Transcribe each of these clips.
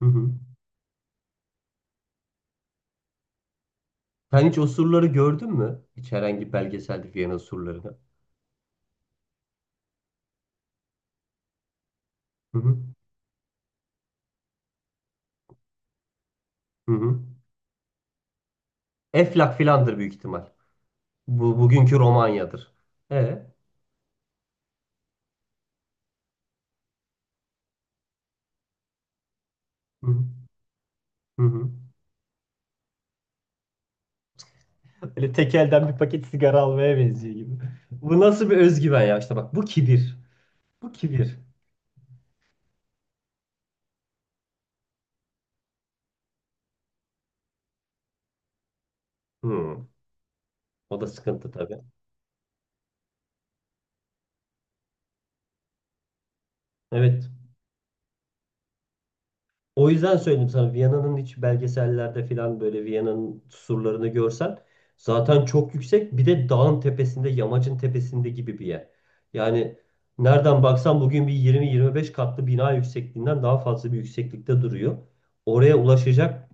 Hı hı. Sen hiç osurları gördün mü? Hiç herhangi bir belgeselde Viyana osurlarını. Hı hı. Hı hı. Eflak filandır büyük ihtimal. Bu bugünkü Romanya'dır. E. Hı hı. Hı hı. Böyle tek elden bir paket sigara almaya benziyor gibi. Bu nasıl bir özgüven ya? İşte bak bu kibir. Bu kibir. Hı. O da sıkıntı tabii. Evet. O yüzden söyledim sana, Viyana'nın hiç belgesellerde falan, böyle Viyana'nın surlarını görsen, zaten çok yüksek, bir de dağın tepesinde, yamacın tepesinde gibi bir yer. Yani nereden baksan bugün bir 20-25 katlı bina yüksekliğinden daha fazla bir yükseklikte duruyor. Oraya ulaşacak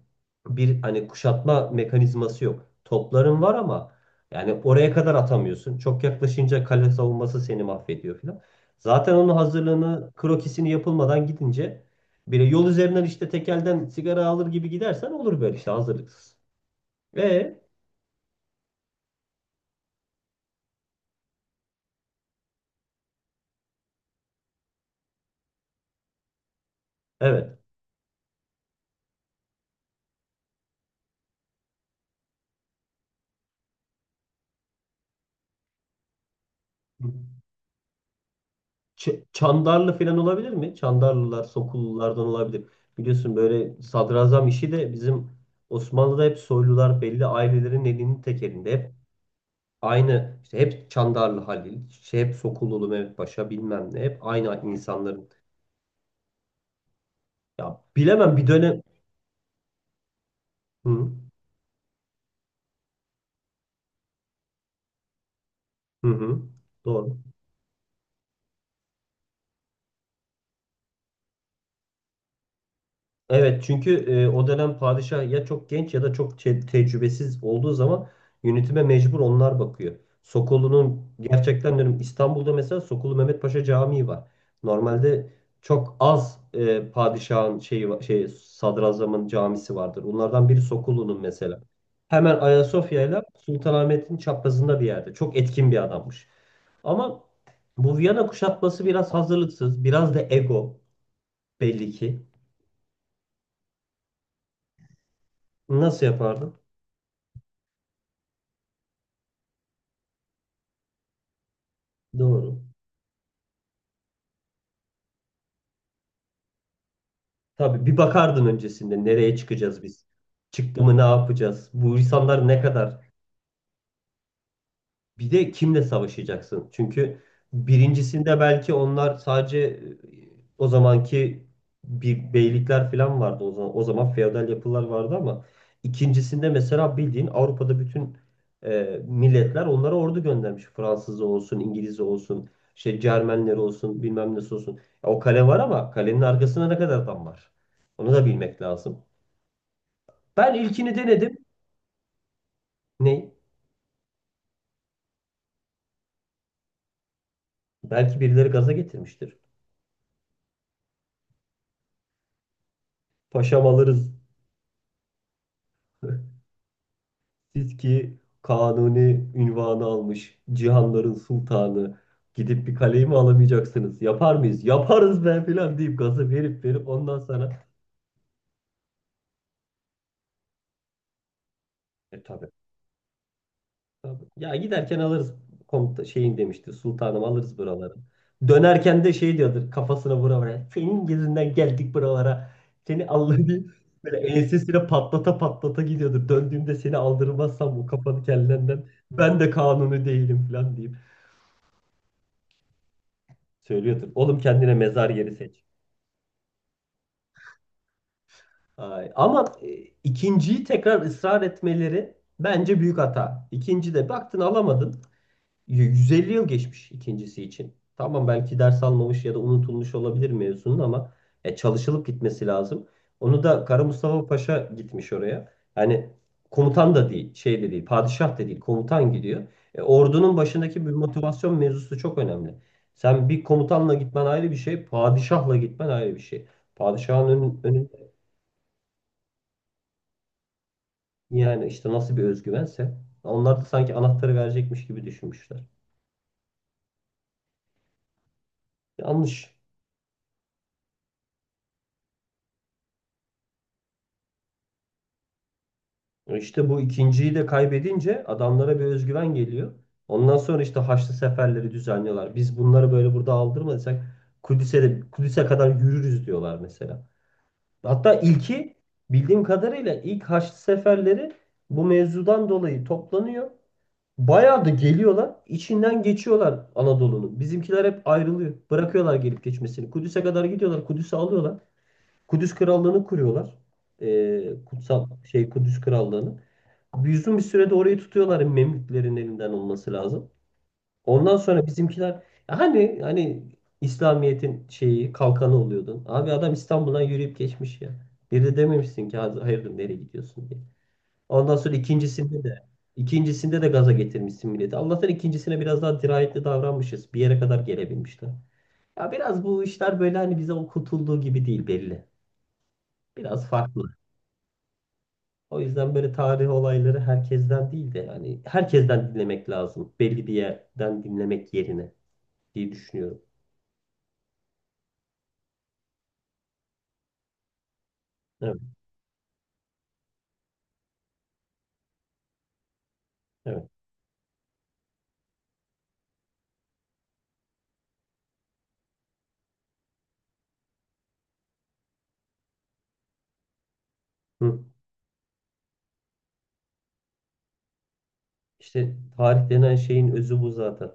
bir hani kuşatma mekanizması yok. Topların var ama yani oraya kadar atamıyorsun. Çok yaklaşınca kale savunması seni mahvediyor falan. Zaten onun hazırlığını, krokisini yapılmadan gidince, biri yol üzerinden işte tekelden sigara alır gibi gidersen, olur böyle işte hazırlıksız. Ve evet. Çandarlı falan olabilir mi? Çandarlılar, Sokullulardan olabilir. Biliyorsun böyle sadrazam işi de bizim Osmanlı'da hep soylular, belli ailelerin elinin tekelinde. Hep aynı, işte hep Çandarlı Halil, şey hep Sokullulu Mehmet Paşa, bilmem ne. Hep aynı insanların. Ya bilemem, bir dönem. Hı hı. Hı. Doğru. Evet çünkü o dönem padişah ya çok genç ya da çok tecrübesiz olduğu zaman, yönetime mecbur onlar bakıyor. Sokolu'nun gerçekten diyorum, İstanbul'da mesela Sokolu Mehmet Paşa Camii var. Normalde çok az padişahın şeyi şey sadrazamın camisi vardır. Bunlardan biri Sokolu'nun mesela. Hemen Ayasofya ile Sultanahmet'in çaprazında bir yerde. Çok etkin bir adammış. Ama bu Viyana kuşatması biraz hazırlıksız, biraz da ego, belli ki. Nasıl yapardı? Doğru. Tabii bir bakardın öncesinde, nereye çıkacağız biz? Çıktı mı ne yapacağız? Bu insanlar ne kadar. Bir de kimle savaşacaksın? Çünkü birincisinde belki onlar sadece o zamanki bir beylikler falan vardı o zaman. O zaman feodal yapılar vardı ama ikincisinde mesela bildiğin Avrupa'da bütün milletler onlara ordu göndermiş. Fransız olsun, İngiliz olsun, şey Cermenler olsun, bilmem nesi olsun. Ya o kale var ama kalenin arkasında ne kadar adam var? Onu da bilmek lazım. Ben ilkini denedim. Ne? Belki birileri gaza getirmiştir. Paşam alırız. Siz ki kanuni ünvanı almış, cihanların sultanı, gidip bir kaleyi mi alamayacaksınız? Yapar mıyız? Yaparız be filan deyip, gazı verip verip ondan sonra, e tabii, tabii. Ya giderken alırız, komuta şeyin demişti. Sultanım alırız buraları. Dönerken de şey diyordur kafasına vura vura. Senin yüzünden geldik buralara. Seni Allah diye böyle ensesine patlata patlata gidiyordur. Döndüğümde seni aldırmazsam bu kafanı kellenden, ben de kanuni değilim filan diye. Söylüyordur. Oğlum kendine mezar yeri seç. Ay. Ama ikinciyi tekrar ısrar etmeleri bence büyük hata. İkinci de baktın alamadın. 150 yıl geçmiş ikincisi için. Tamam belki ders almamış ya da unutulmuş olabilir mevzunun ama çalışılıp gitmesi lazım. Onu da Kara Mustafa Paşa gitmiş oraya. Yani komutan da değil, şey de değil, padişah da değil, komutan gidiyor. Ordunun başındaki bir motivasyon mevzusu çok önemli. Sen bir komutanla gitmen ayrı bir şey, padişahla gitmen ayrı bir şey. Padişahın önün, önün, yani işte nasıl bir özgüvense, onlar da sanki anahtarı verecekmiş gibi düşünmüşler. Yanlış. İşte bu ikinciyi de kaybedince adamlara bir özgüven geliyor. Ondan sonra işte Haçlı seferleri düzenliyorlar. Biz bunları böyle burada aldırmadıysak, Kudüs'e de, Kudüs'e kadar yürürüz diyorlar mesela. Hatta ilki, bildiğim kadarıyla ilk Haçlı seferleri bu mevzudan dolayı toplanıyor. Bayağı da geliyorlar. İçinden geçiyorlar Anadolu'nun. Bizimkiler hep ayrılıyor. Bırakıyorlar gelip geçmesini. Kudüs'e kadar gidiyorlar. Kudüs'ü alıyorlar. Kudüs Krallığı'nı kuruyorlar. Kutsal şey Kudüs Krallığı'nı. Bir uzun bir sürede orayı tutuyorlar, Memlüklerin elinden olması lazım. Ondan sonra bizimkiler hani İslamiyet'in şeyi kalkanı oluyordun. Abi adam İstanbul'dan yürüyüp geçmiş ya. Bir de dememişsin ki hayırdır nereye gidiyorsun" diye. Ondan sonra ikincisinde de, ikincisinde de gaza getirmişsin milleti. Allah'tan ikincisine biraz daha dirayetli davranmışız. Bir yere kadar gelebilmişler. Ya biraz bu işler böyle hani bize okutulduğu gibi değil belli. Biraz farklı. O yüzden böyle tarih olayları herkesten değil de, yani herkesten dinlemek lazım, belli bir yerden dinlemek yerine, diye düşünüyorum. Evet, evet. Hı. İşte tarih denen şeyin özü bu zaten.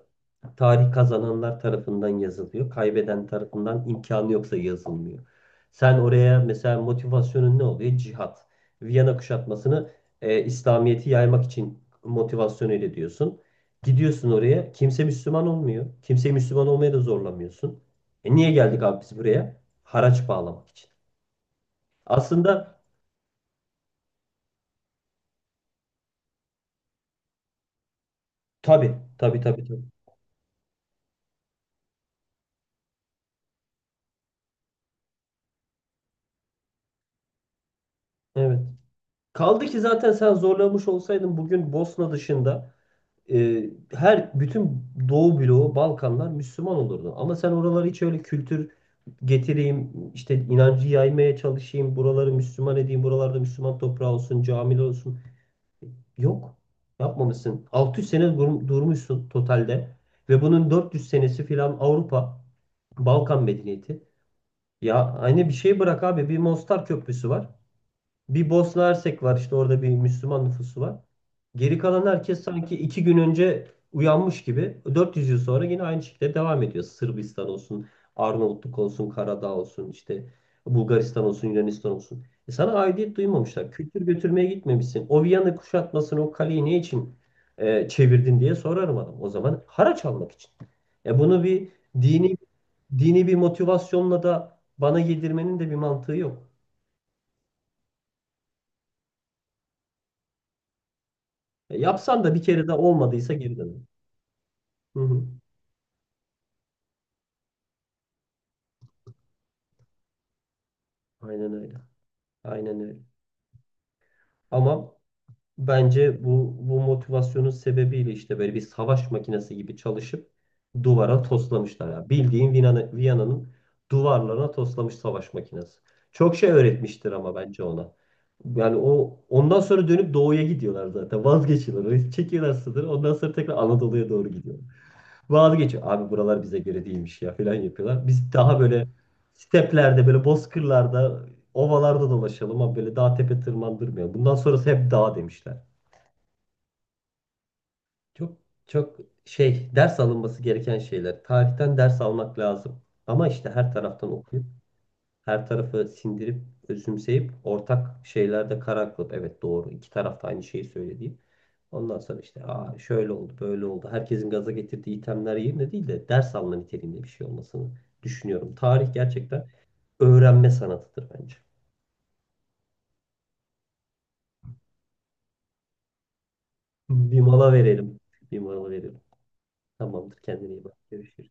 Tarih kazananlar tarafından yazılıyor. Kaybeden tarafından, imkanı yoksa, yazılmıyor. Sen oraya mesela motivasyonun ne oluyor? Cihat. Viyana kuşatmasını İslamiyet'i yaymak için motivasyon ile diyorsun. Gidiyorsun oraya. Kimse Müslüman olmuyor. Kimseyi Müslüman olmaya da zorlamıyorsun. E niye geldik abi biz buraya? Haraç bağlamak için. Aslında tabii, tabii, tabii, tabii. Evet. Kaldı ki zaten sen zorlamış olsaydın, bugün Bosna dışında her bütün Doğu bloğu, Balkanlar Müslüman olurdu. Ama sen oraları hiç öyle, kültür getireyim, işte inancı yaymaya çalışayım, buraları Müslüman edeyim, buralarda Müslüman toprağı olsun, camiler olsun. Yok. Yapmamışsın. 600 sene durmuşsun totalde, ve bunun 400 senesi filan Avrupa, Balkan medeniyeti. Ya aynı bir şey bırak abi. Bir Mostar Köprüsü var. Bir Bosna Hersek var işte, orada bir Müslüman nüfusu var. Geri kalan herkes sanki iki gün önce uyanmış gibi 400 yıl sonra yine aynı şekilde devam ediyor. Sırbistan olsun, Arnavutluk olsun, Karadağ olsun, işte Bulgaristan olsun, Yunanistan olsun. E sana aidiyet duymamışlar. Kültür götürmeye gitmemişsin. O Viyana kuşatmasını, o kaleyi ne için çevirdin diye sorarım adam. O zaman haraç almak için. E bunu bir dini dini bir motivasyonla da bana yedirmenin de bir mantığı yok. Yapsan da bir kere de olmadıysa geri dön. Hı hı. Aynen öyle. Aynen öyle. Ama bence bu motivasyonun sebebiyle işte böyle bir savaş makinesi gibi çalışıp duvara toslamışlar ya. Bildiğin Viyana'nın duvarlarına toslamış savaş makinesi. Çok şey öğretmiştir ama bence ona. Yani o, ondan sonra dönüp doğuya gidiyorlar zaten. Vazgeçiyorlar. Çekiyorlar sınırı. Ondan sonra tekrar Anadolu'ya doğru gidiyor. Vazgeçiyor. Abi buralar bize göre değilmiş ya falan yapıyorlar. Biz daha böyle steplerde, böyle bozkırlarda, ovalarda dolaşalım ama böyle dağ tepe tırmandırmayalım. Bundan sonrası hep dağ demişler. Çok çok şey, ders alınması gereken şeyler. Tarihten ders almak lazım. Ama işte her taraftan okuyup, her tarafı sindirip, özümseyip, ortak şeylerde karar kılıp, evet doğru iki taraf da aynı şeyi söylediğim. Ondan sonra işte, aa, şöyle oldu böyle oldu, herkesin gaza getirdiği itemler yerine değil de ders alma niteliğinde bir şey olmasını düşünüyorum. Tarih gerçekten öğrenme sanatıdır bence. Bir mola verelim. Bir mola verelim. Tamamdır, kendine iyi bak. Görüşürüz.